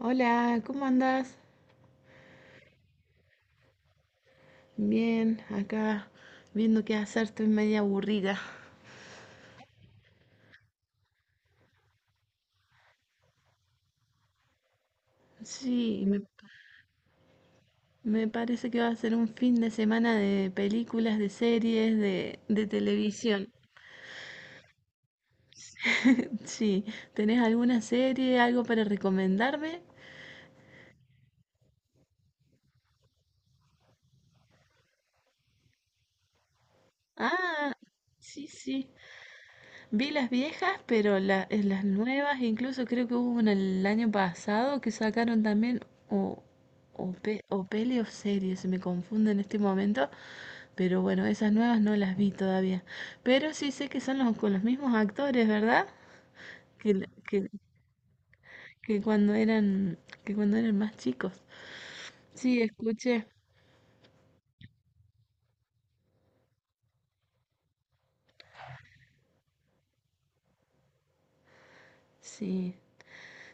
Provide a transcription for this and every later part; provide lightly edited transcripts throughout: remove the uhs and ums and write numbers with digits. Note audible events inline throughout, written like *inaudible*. Hola, ¿cómo andas? Bien, acá viendo qué hacer, estoy media aburrida. Sí, me, me parece que va a ser un fin de semana de películas, de series, de televisión. *laughs* Sí, ¿tenés alguna serie, algo para recomendarme? Ah, sí, sí. Vi las viejas, pero las nuevas, incluso creo que hubo una el año pasado que sacaron también, o, o peli o serie, se me confunde en este momento, pero bueno, esas nuevas no las vi todavía. Pero sí sé que son con los mismos actores, ¿verdad? Que, la- que, que cuando eran, que cuando eran más chicos. Sí, escuché, sí.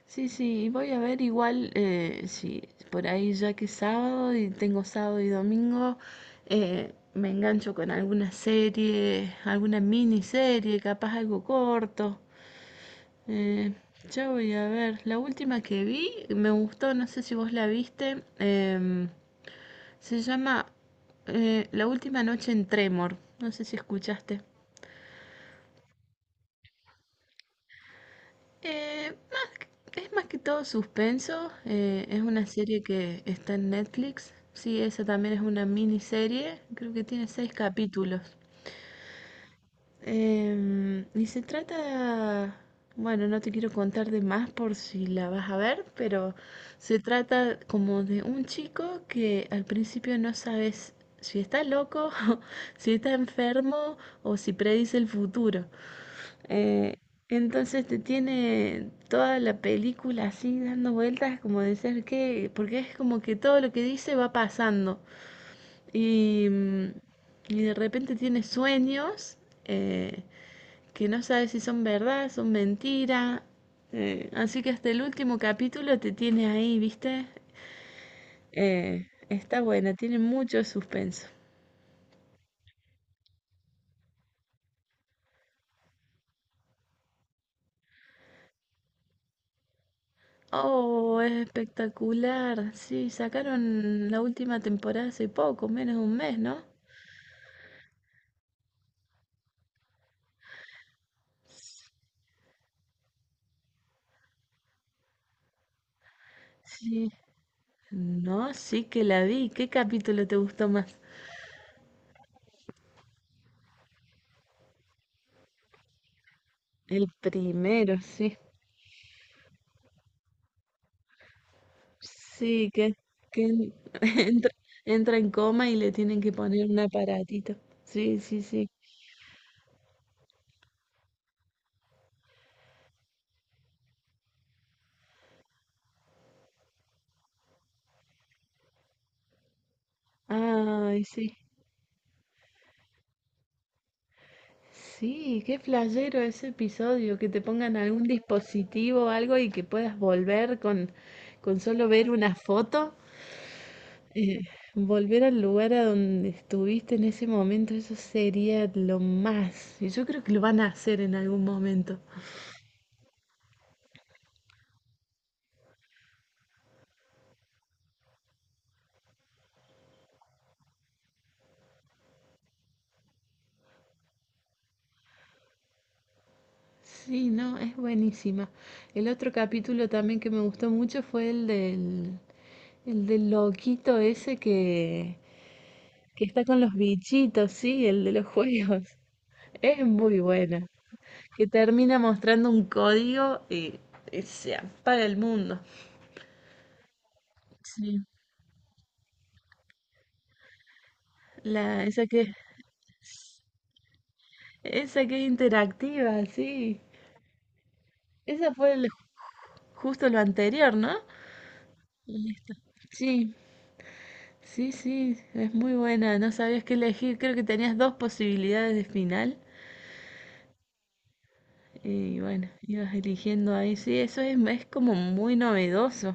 Sí, sí, voy a ver igual si por ahí, ya que es sábado y tengo sábado y domingo, me engancho con alguna serie, alguna miniserie, capaz algo corto. Eh, ya voy a ver, la última que vi me gustó, no sé si vos la viste. Se llama La última noche en Tremor, no sé si escuchaste. Más Es más que todo suspenso. Es una serie que está en Netflix. Sí, esa también es una miniserie. Creo que tiene seis capítulos. Y se trata... Bueno, no te quiero contar de más por si la vas a ver, pero se trata como de un chico que al principio no sabes si está loco, *laughs* si está enfermo o si predice el futuro. Eh, entonces te tiene toda la película así dando vueltas, como de ser que, porque es como que todo lo que dice va pasando. Y, mm, y de repente tiene sueños eh, que no sabe si son verdad, son mentira. Así que hasta el último capítulo te tiene ahí, ¿viste? Está buena, tiene mucho suspenso. Oh, es espectacular. Sí, sacaron la última temporada hace poco, menos de un mes, ¿no? Sí. No, sí que la vi. ¿Qué capítulo te gustó más? El primero, sí. Sí, que, que en- *laughs* entra, entra en coma y le tienen que poner un aparatito. Sí, sí, sí. Ay, sí. Sí, qué flashero ese episodio, que te pongan algún dispositivo o algo y que puedas volver con solo ver una foto. Eh, Volver al lugar a donde estuviste en ese momento, eso sería lo más. Y yo creo que lo van a hacer en algún momento. Sí, no, es buenísima. El otro capítulo también que me gustó mucho fue el del loquito ese que está con los bichitos, sí, el de los juegos. Es muy buena. Que termina mostrando un código y se apaga el mundo. Sí. Esa esa que es interactiva, sí. Ese fue justo lo anterior, ¿no? Listo. Sí, sí, sí, es muy buena. No sabías qué elegir. Creo que tenías dos posibilidades de final. Y bueno, ibas eligiendo ahí. Sí, es como muy novedoso.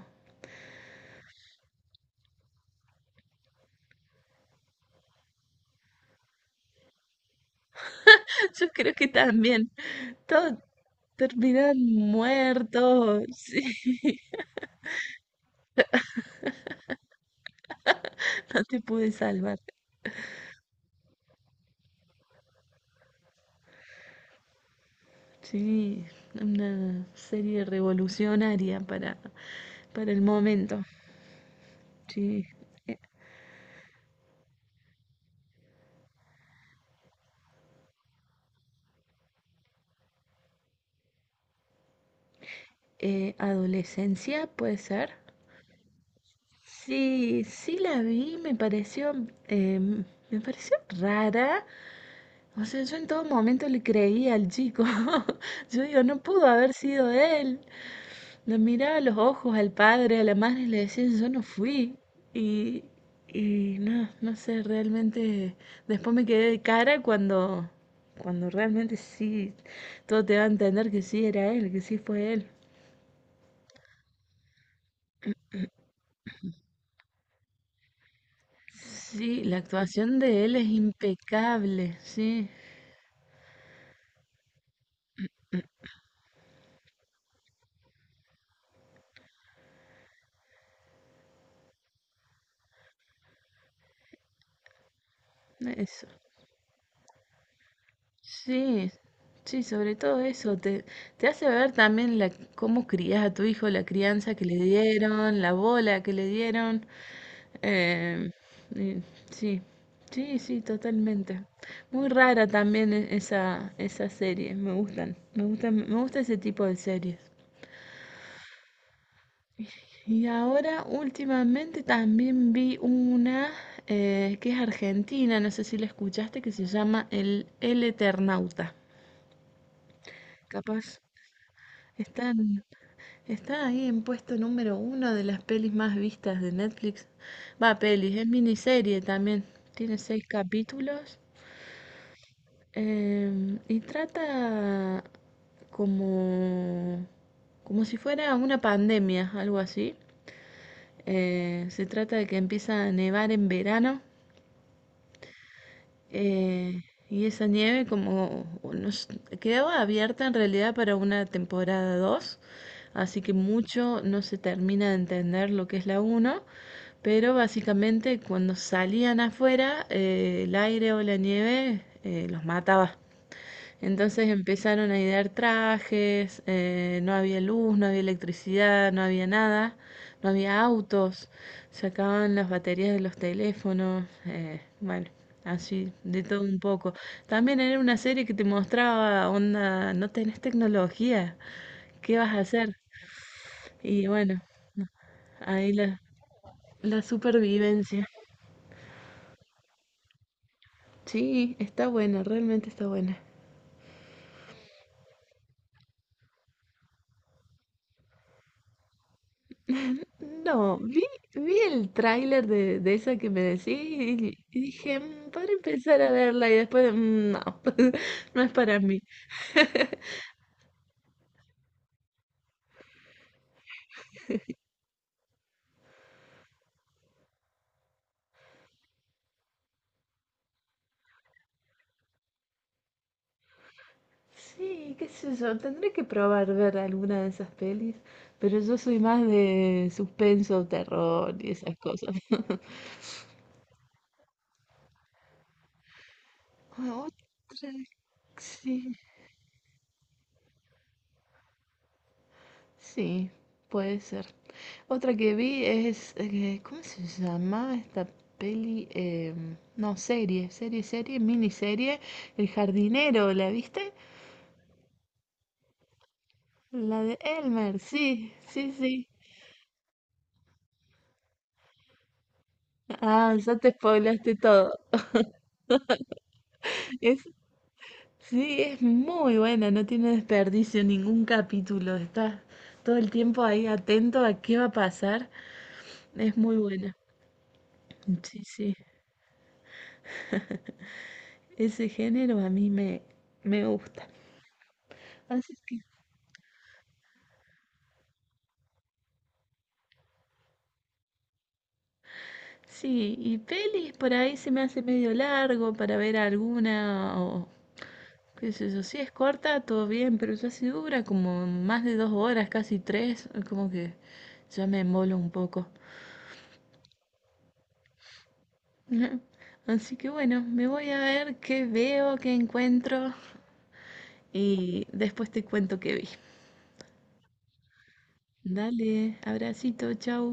*laughs* Yo creo que también. Todos terminaban muertos. Sí, *laughs* no te pude salvar. Sí, una serie revolucionaria para el momento. Sí. Eh, adolescencia, puede ser. Sí, sí la vi, eh, me pareció rara. O sea, yo en todo momento le creía al chico. *laughs* Yo digo, no pudo haber sido él. Le miraba a los ojos al padre, a la madre y le decía, yo no fui. Y, y no, no sé, realmente después me quedé de cara cuando realmente sí, todo te va a entender que sí era él, que sí fue él. Sí, la actuación de él es impecable, sí, eso. Sí, sí, sobre todo eso, te hace ver también la, cómo crías a tu hijo, la crianza que le dieron, la bola que le dieron. eh, y sí, sí, sí, totalmente. Muy rara también esa, esa serie, me gusta ese tipo de series. Y ahora últimamente también vi una que es argentina, no sé si la escuchaste, que se llama El Eternauta. Capaz están... Está ahí en puesto número uno de las pelis más vistas de Netflix. Va, pelis, es miniserie también. Tiene seis capítulos. Y trata como, como si fuera una pandemia, algo así. Se trata de que empieza a nevar en verano. Eh, y esa nieve como o no s- quedaba abierta en realidad para una temporada dos, así que mucho no se termina de entender lo que es la uno. Pero básicamente, cuando salían afuera, el aire o la nieve los mataba. Entonces empezaron a idear trajes. No había luz, no había electricidad, no había nada, no había autos, se acababan las baterías de los teléfonos. Bueno, Así, de todo un poco. También era una serie que te mostraba, onda, no tenés tecnología, ¿qué vas a hacer? Y bueno, ahí la supervivencia. Sí, está buena, realmente está buena. No, vi el tráiler de esa que me decís y dije, "Mm, podré empezar a verla", y después, "Mm, no, *laughs* no es para mí". Sí, qué sé yo, tendré que probar ver alguna de esas pelis, pero yo soy más de suspenso, terror y esas cosas. *laughs* Ah. Otra, sí. Sí, puede ser. Otra que vi es, ¿cómo se llama esta peli? No, serie, serie, serie, miniserie. El jardinero, ¿la viste? La de Elmer, sí, sí, sí. Ah, ya te spoilaste todo. *laughs* Es, sí, es muy buena, no tiene desperdicio ningún capítulo. Estás todo el tiempo ahí atento a qué va a pasar. Es muy buena. Sí, sí. Ese género me gusta. Así que sí, y pelis por ahí se me hace medio largo para ver alguna o qué sé yo. Si es corta, todo bien, pero ya si dura como más de 2 horas, casi tres, como que ya me embolo un poco. *laughs* Ujú. Así que bueno, me voy a ver qué veo, qué encuentro y después te cuento qué vi. Dale, abracito, chau.